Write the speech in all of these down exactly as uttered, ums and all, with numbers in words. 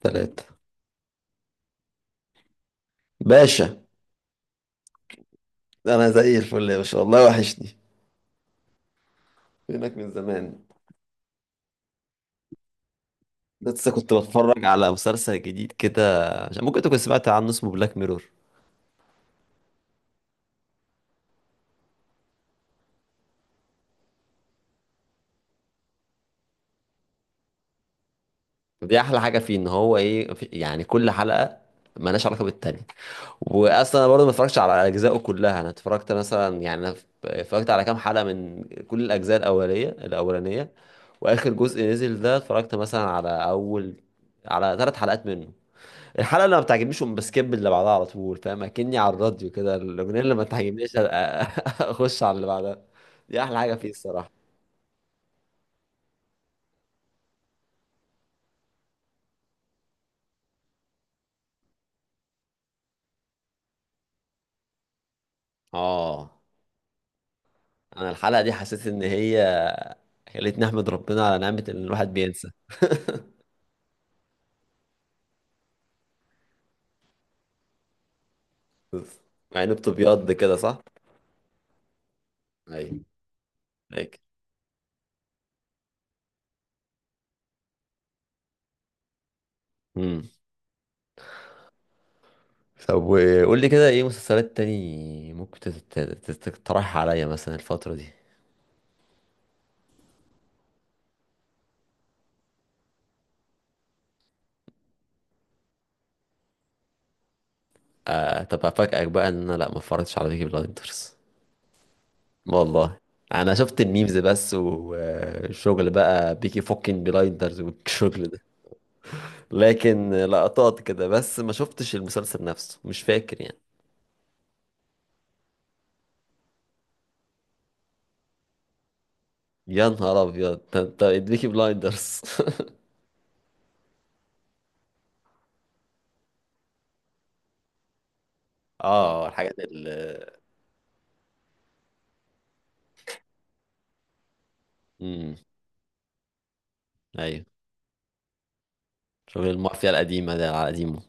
تلاتة باشا. أنا زي الفل يا باشا والله، وحشني، فينك من زمان؟ لسه كنت بتفرج على مسلسل جديد كده، مش- ممكن تكون سمعت عنه، اسمه بلاك ميرور. دي أحلى حاجة فيه، إن هو إيه، مفي- يعني كل حلقة مالهاش علاقة بالتانية. وأصلا أنا برضه ما اتفرجتش على أجزائه كلها، أنا اتفرجت مثلا، يعني أنا اتفرجت على كام حلقة من كل الأجزاء الأولية الأولانية. وآخر جزء نزل ده اتفرجت مثلا على أول على ثلاث حلقات منه. الحلقه اللي ما بتعجبنيش أقوم بسكيب اللي بعدها على طول، فاهم؟ اكني على الراديو كده، الاغنيه اللي ما تعجبنيش أ- اخش على اللي بعدها. دي احلى حاجه فيه الصراحه. اه. انا الحلقه دي حسيت ان هي خلتني احمد ربنا على نعمه ان الواحد بينسى. مع انه بتبيض كده، صح؟ ايوه. هيك. امم طب وقول لي كده، ايه مسلسلات تاني ممكن تت- تت- تت- تقترحها عليا مثلا الفتره دي؟ آه، طب افاجئك بقى ان انا لا، ما اتفرجتش على بيكي بلايندرز. والله. انا شفت الميمز بس، والشغل بقى بيكي فوكين بلايندرز والشغل ده. لكن لقطات كده بس، ما شفتش المسلسل نفسه، مش فاكر يعني. يا نهار ابيض، ده انت بيكي بلايندرز! اه، الحاجات ال. امم ايوه، شغل المافيا القديمه ده، على قديمه.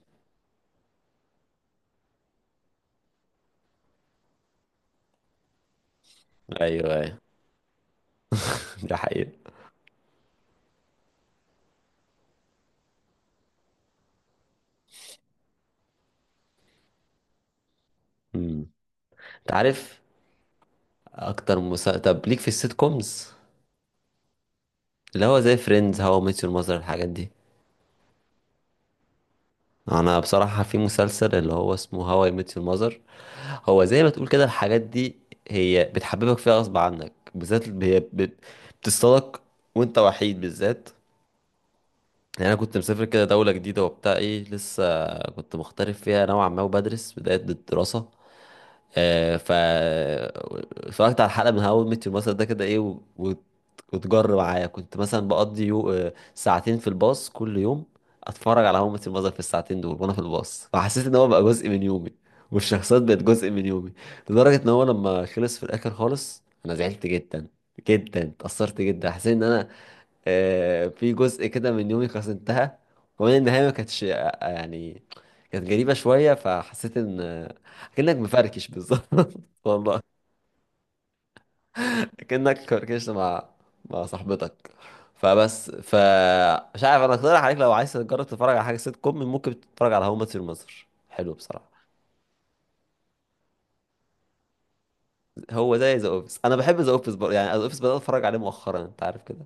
ايوه ايوه. ده حقيقي. امم انت عارف اكتر مسلسل، طب ليك في السيت كومز؟ اللي هو زي فريندز، هاو ميت يور ماذر، الحاجات دي. انا بصراحة في مسلسل اللي هو اسمه هاو اي ميت يور ماذر، هو زي ما تقول كده الحاجات دي، هي بتحببك فيها غصب عنك. بالذات ال- هي بت- بتصطادك وانت وحيد، بالذات. يعني انا كنت مسافر كده دولة جديدة وبتاع ايه، لسه كنت مغترب فيها نوعا ما وبدرس بداية الدراسة. آه، ف اتفرجت على حلقة من هاو ميت يور مثلا ده كده، ايه و... وت- وتجر معايا. كنت مثلا بقضي يو... آه، ساعتين في الباص كل يوم، اتفرج على هاو ميت يور في الساعتين دول وانا في الباص، فحسيت ان هو بقى جزء من يومي. والشخصيات بقت جزء من يومي. لدرجة ان هو لما خلص في الاخر خالص، انا زعلت جدا جدا، اتأثرت جدا، حسيت ان انا آه، في جزء كده من يومي خلاص انتهى. وكمان النهاية ما كانتش آه، آه، يعني كانت غريبة شوية، فحسيت ان آه، كأنك مفركش بالظبط. والله، كأنك فركشت مع مع صاحبتك. فبس ف مش عارف، انا اقترح عليك لو عايز تجرب تتفرج على حاجة سيت كوم، ممكن تتفرج على هوم مات يور ماذر، حلو بصراحة. هو زي ذا اوفيس، انا بحب ذا اوفيس بر... يعني ذا اوفيس بدأت اتفرج عليه مؤخرا، انت عارف كده.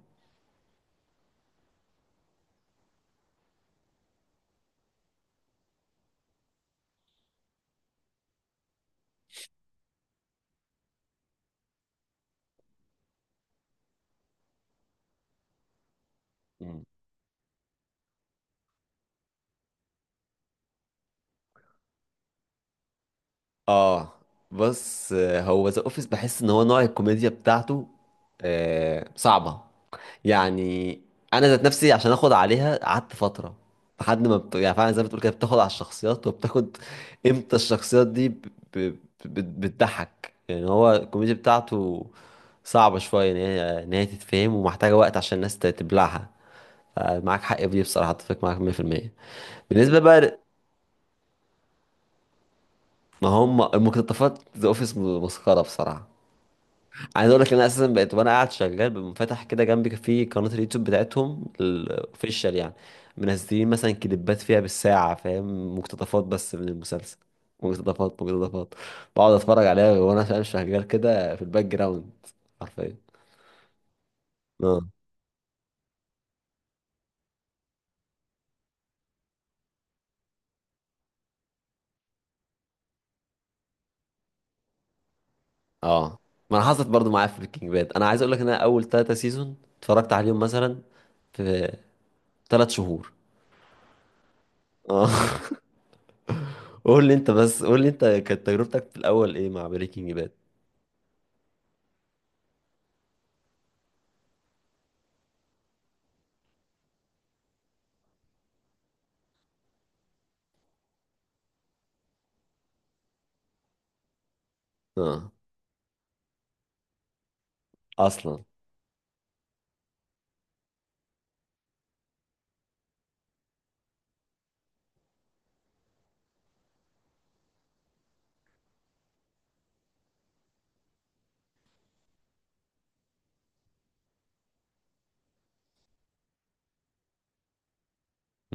اه. بص، آه، هو ذا اوفيس بحس ان هو نوع الكوميديا بتاعته آه صعبه، يعني انا ذات نفسي عشان اخد عليها قعدت فتره، لحد ما بت... يعني فعلا زي ما بتقول كده، بتاخد على الشخصيات وبتاخد امتى الشخصيات دي ب... ب... بت- بتضحك. يعني هو الكوميديا بتاعته صعبه شويه ان هي ان هي تتفهم، ومحتاجه وقت عشان الناس ت- تبلعها. معاك حق في دي بصراحه، اتفق معاك مية في المية. بالنسبه بقى، ما هم المقتطفات، ذا اوفيس مسخره بصراحه. عايز اقول لك ان انا اساسا بقيت وانا قاعد شغال بمفتح كده جنبي في قناه اليوتيوب بتاعتهم الاوفيشال يعني، منزلين مثلا كليبات فيها بالساعه، فاهم؟ مقتطفات بس من المسلسل، مقتطفات مقتطفات. بقعد اتفرج عليها وانا فاهم شغال كده في الباك جراوند، حرفيا. اه. اه ما انا حصلت برضو معايا في بريكنج باد. انا عايز اقول لك ان انا اول ثلاثة سيزون اتفرجت عليهم مثلا في ثلاث شهور. اه قول لي انت بس، قول لي انت كانت تجربتك في الاول ايه مع بريكنج باد؟ اه اصلا.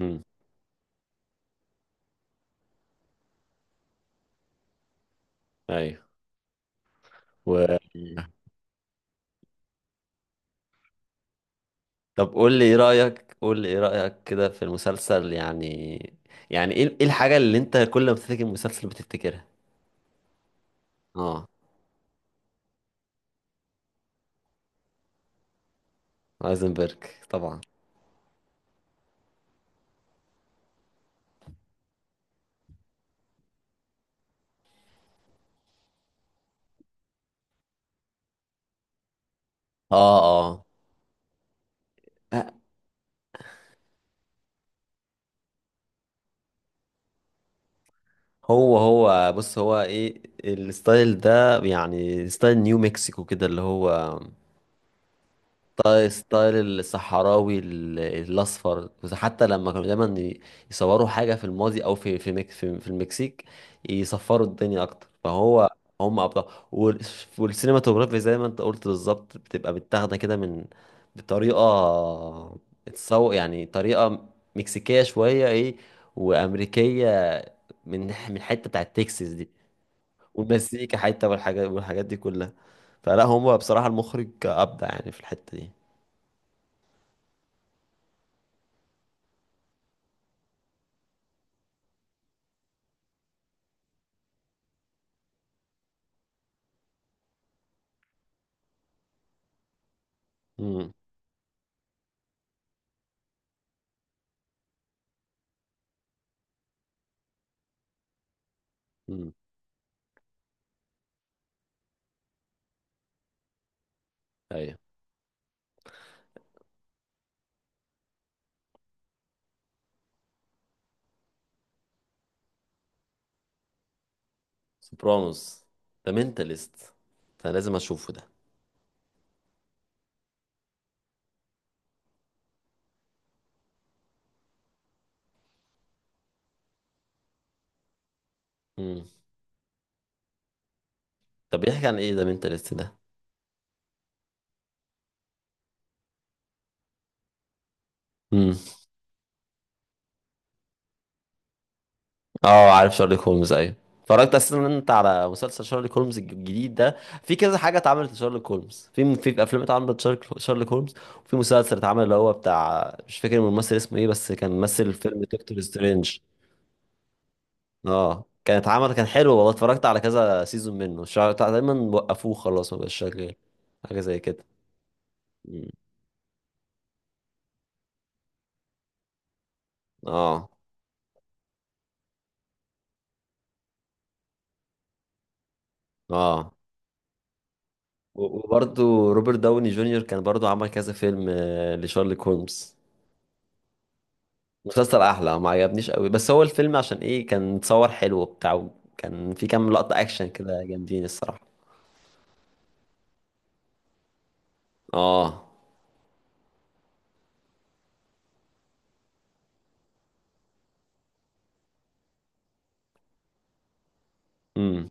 امم ايوه. و... طب قول لي ايه رأيك، قول لي ايه رأيك كده في المسلسل؟ يعني، يعني ايه، ايه الحاجة اللي انت كل ما بتفتكر المسلسل بتفتكرها؟ اه، هايزنبرج طبعا. اه اه. آه، هو هو بص، هو ايه الستايل ده؟ يعني ستايل نيو مكسيكو كده، اللي هو ستايل ستايل الصحراوي ال- الاصفر، بس حتى لما كانوا دايما ي- يصوروا حاجه في الماضي او في في مك- في في المكسيك، يصفروا الدنيا اكتر. فهو هم ابطال. وال- والسينماتوجرافي زي ما انت قلت بالظبط، بتبقى متاخده كده من بطريقه، اتسوق يعني طريقه مكسيكيه شويه، ايه، وامريكيه، من من حته بتاعت تكساس دي. والمزيكا حته والحاجات، والحاجات دي كلها. فلا هم بصراحه المخرج ابدع يعني في الحته دي. امم ايوه. سوبرانوس. ده منتاليست، انا لازم اشوفه ده. امم طب بيحكي عن ايه ده منتاليست ده؟ امم اه عارف شارلوك هولمز، ايوه. اتفرجت اصلا انت على مسلسل شارلوك هولمز الج- الجديد ده؟ في كذا حاجه اتعملت لشارلوك هولمز، في في افلام اتعملت شارلوك شارلوك هولمز، وفي مسلسل اتعمل اللي هو بتاع، مش فاكر الممثل اسمه ايه بس كان ممثل فيلم دكتور سترينج. اه كان اتعمل كان حلو والله، اتفرجت على كذا سيزون منه، شا- تقريبا وقفوه خلاص، ما بقاش شغال، حاجه زي كده. مم. اه. اه وبرضه روبرت داوني جونيور كان برضه عمل كذا فيلم آه، لشارلوك هولمز. مسلسل احلى، ما عجبنيش قوي، بس هو الفيلم عشان ايه كان متصور حلو وبتاع، كان في كام لقطة اكشن كده جامدين الصراحة. اه. امم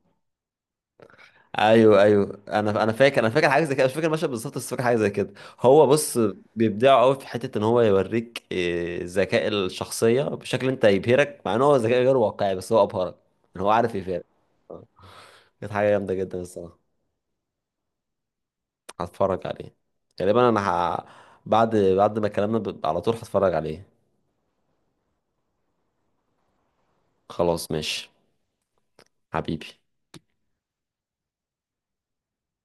ايوه ايوه، انا انا فاكر، انا فاكر حاجه زي كده، مش فاكر المشهد بالظبط بس فاكر حاجه زي كده. هو بص، بيبدعوا قوي في حته ان هو يوريك آه، ذكاء الشخصيه بشكل انت يبهرك، مع ان هو ذكاء غير واقعي بس هو ابهرك، ان هو عارف يبهرك. كانت حاجه جامده جدا الصراحه. هتفرج عليه غالبا، انا ه... بعد بعد ما كلامنا ب... على طول هتفرج عليه. خلاص ماشي. حبيبي.